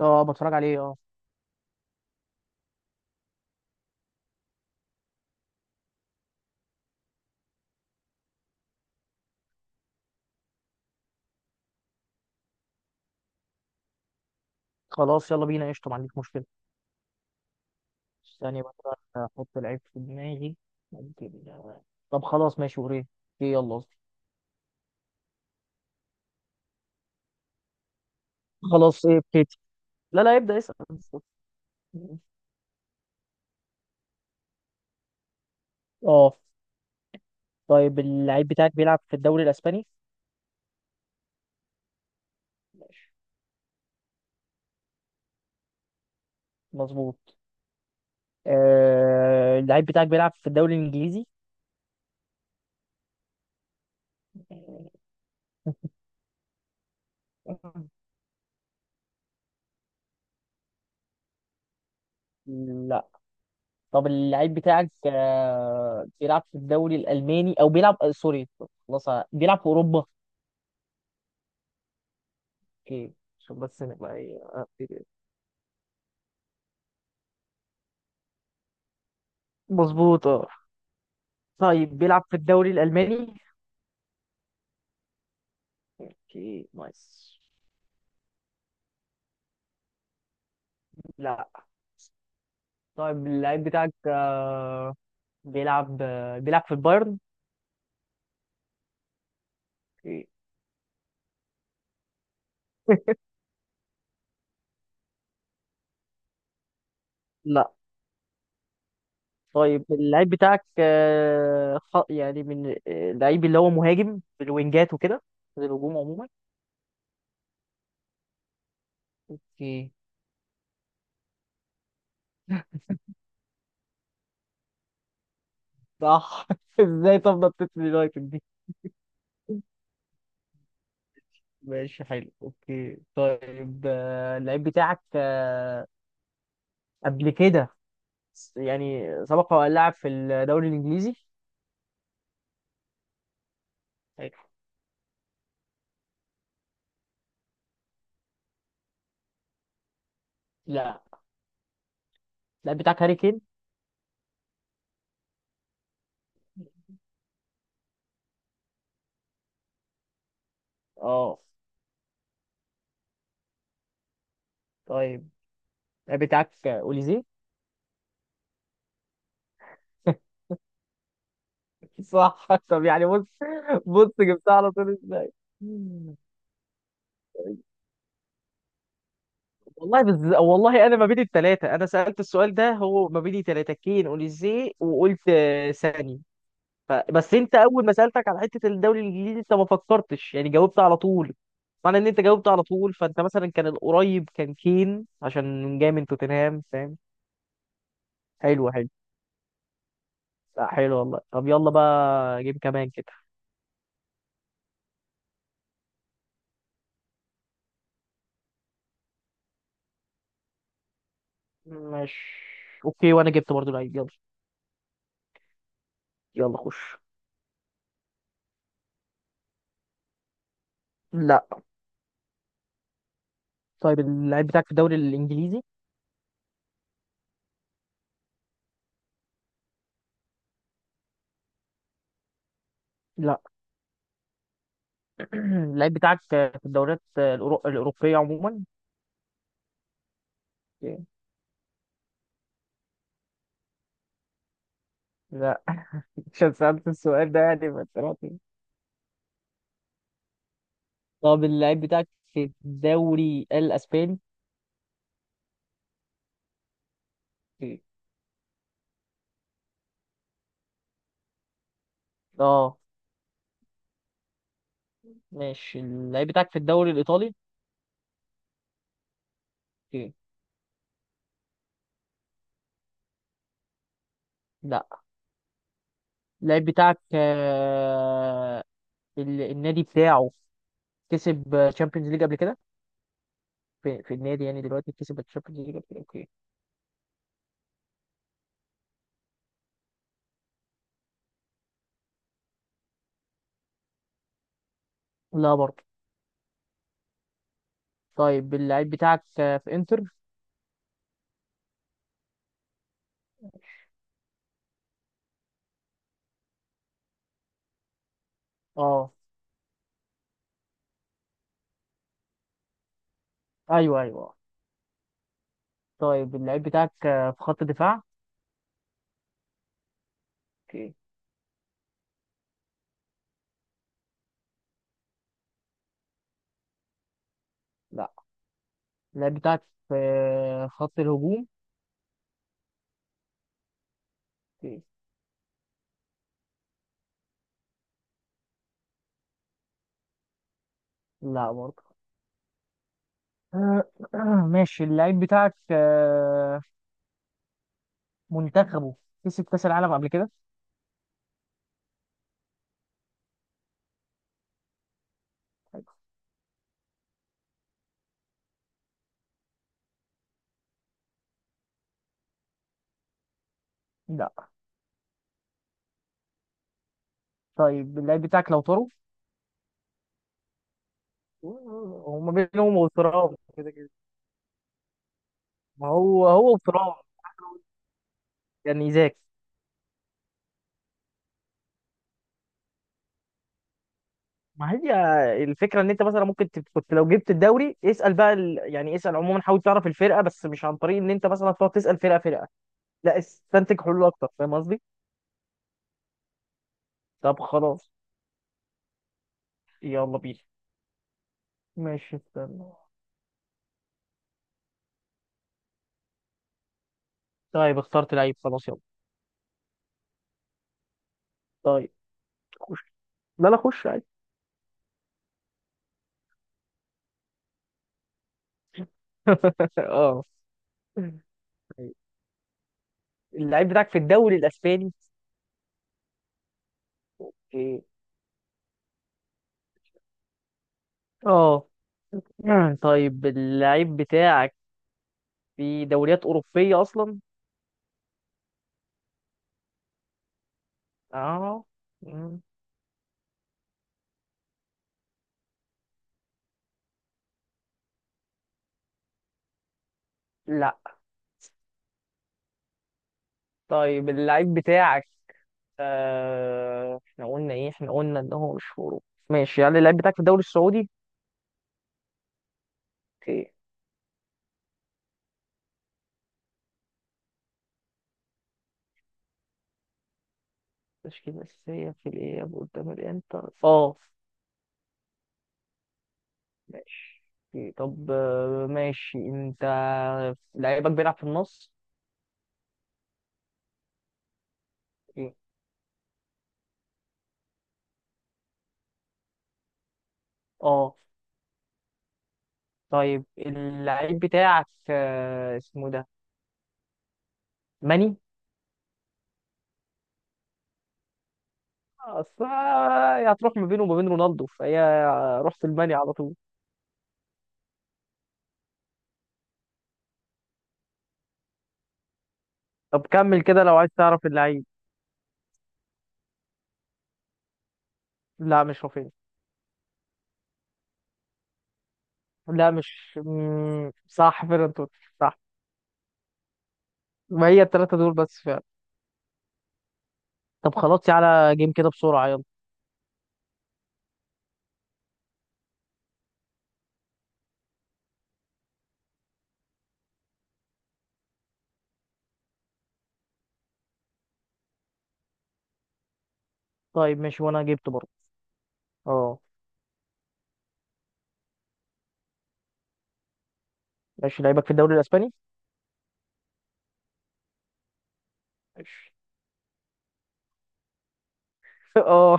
اه. بتفرج عليه، اه. خلاص يلا بينا، قشطة، ما عنديش مشكلة. ثانية بقى احط العيب في دماغي. ممكن طب خلاص، ماشي وريه ايه. ايه، يلا قصدي. خلاص ايه، ابتدي. لا لا ابدأ اسأل. اه. طيب اللعيب بتاعك بيلعب في الدوري الاسباني؟ ماشي. مظبوط. اللعيب بتاعك بيلعب في الدوري الانجليزي؟ لا. طب اللعيب بتاعك بيلعب في الدوري الألماني أو بيلعب سوري. خلاص بيلعب في أوروبا. اكيد، عشان بس نبقى ايه. مظبوط اه. طيب بيلعب في الدوري الالماني؟ اوكي نايس. لا. طيب اللعيب بتاعك بيلعب في البايرن. اوكي. لا. طيب اللعيب بتاعك يعني من اللعيب اللي هو مهاجم في الوينجات وكده، في الهجوم عموما. اوكي. صح، ازاي طب نطيت اليونايتد دي. ماشي حلو اوكي. طيب اللعيب بتاعك قبل كده، يعني سبق وان لعب في الدوري الانجليزي. حلو. لا. اللاعب بتاعك هاري كين؟ اه. طيب اللاعب بتاعك اوليزي؟ صح. طب يعني بص، بص جبتها على طول ازاي. والله انا ما بين الثلاثه، انا سالت السؤال ده هو ما بين ثلاثه: كين، اوليزي، وقلت ساني. بس انت اول ما سالتك على حته الدوري الانجليزي انت ما فكرتش، يعني جاوبت على طول. معنى ان انت جاوبت على طول فانت مثلا كان القريب كان كين عشان جاي من توتنهام، فاهم. حلو حلو. لا حلو والله. طب يلا بقى جيب كمان كده. ماشي. اوكي وانا جبت برضو لعيب، يلا. يلا خش. لا. طيب اللعيب بتاعك في الدوري الانجليزي؟ لا. اللعيب بتاعك في الدوريات الاوروبيه عموما؟ لا. عشان سألت السؤال ده يعني ما طلعتش. طب اللعيب بتاعك في الدوري الاسباني؟ اه. ماشي. اللعيب بتاعك في الدوري الايطالي؟ لا. اللعيب بتاعك النادي بتاعه كسب تشامبيونز ليج قبل كده. في النادي يعني دلوقتي كسب تشامبيونز ليج قبل كده. اوكي. لا برضه. طيب اللعيب بتاعك في انتر؟ اه. ايوه ايوه. طيب اللعيب بتاعك في خط دفاع؟ اوكي. لا. اللعيب بتاعك في خط الهجوم؟ اوكي. لا برضه. آه، ماشي. اللعيب بتاعك منتخبه كسب كاس العالم قبل كده؟ لا. طيب اللعيب بتاعك لو طاروا. هما بينهم وترام كده كده. ما هو هو وترام، يعني زاك. ما هي الفكره ان انت مثلا ممكن كنت لو جبت الدوري اسال بقى يعني اسال عموما، حاول تعرف الفرقه بس مش عن طريق ان انت مثلا تقعد تسال فرقه فرقه. لا استنتج حلول اكتر، فاهم قصدي؟ طب خلاص يلا بينا. ماشي، استنى. طيب اخترت لعيب، خلاص يلا. طيب. خش. لا لا خش عادي. اه. اللعيب بتاعك في الدوري الاسباني؟ إيه. اه. طيب اللعيب بتاعك في دوريات اوروبيه اصلا؟ اه. مم. لا. طيب اللعيب بتاعك احنا قلنا ايه، احنا قلنا ان هو مش هجوم. ماشي يعني اللعيب بتاعك في الدوري السعودي؟ اوكي. تشكيلة أساسية في الإياب قدام الإنتر اه. ماشي. أوكي. طب ماشي انت. لعيبك بيلعب في النص؟ اوكي. اه. طيب اللعيب بتاعك اسمه ده ماني. اصل هتروح ما بينه وما بين رونالدو، فهي رحت الماني على طول. طب كمل كده لو عايز تعرف اللعيب. لا مش رافينيا. لا مش صح فيرنتون. صح. ما هي الثلاثة دول بس فعلا. طب خلاص على جيم كده بسرعة يلا. طيب ماشي وانا جبت برضه. اه. ماشي لعيبك في الدوري الاسباني؟ ماشي. اه.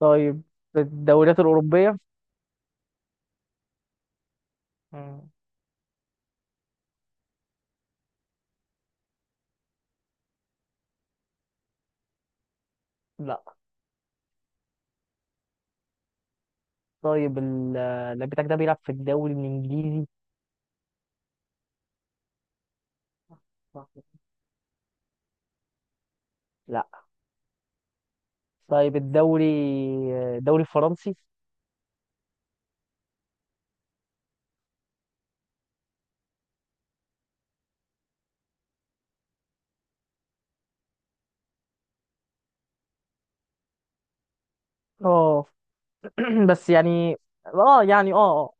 طيب في الدوريات الاوروبية؟ مم، لا. طيب اللعيب بتاعك ده بيلعب في الدوري الانجليزي؟ لا. طيب الدوري الفرنسي؟ اه. بس يعني اه، يعني اه.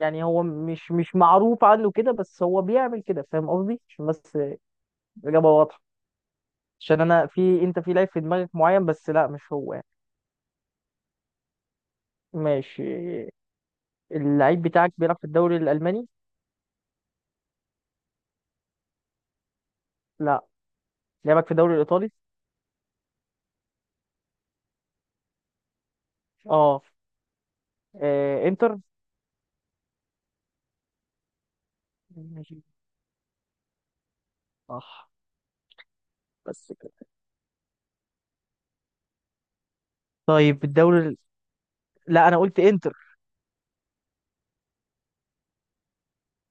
يعني هو مش معروف عنه كده، بس هو بيعمل كده، فاهم قصدي؟ عشان بس الإجابة واضحة. عشان أنا في أنت في لعيب في دماغك معين، بس لا مش هو يعني. ماشي. اللعيب بتاعك بيلعب في الدوري الألماني؟ لا. لعبك في الدوري الإيطالي؟ اه. إنتر؟ ماشي. صح. بس كده. طيب لا، أنا قلت إنتر.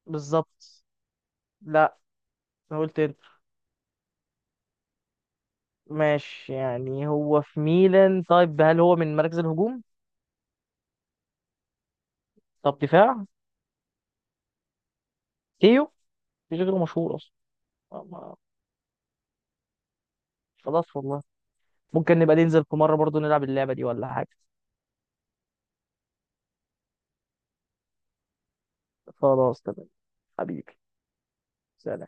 بالظبط. لا. أنا قلت إنتر. ماشي، يعني هو في ميلان. طيب هل هو من مراكز الهجوم؟ طب دفاع. كيو. مفيش غيره مشهور أصلا. خلاص والله. ممكن نبقى ننزل في مرة برضو نلعب اللعبة دي ولا حاجة. خلاص تمام. حبيبي. سلام.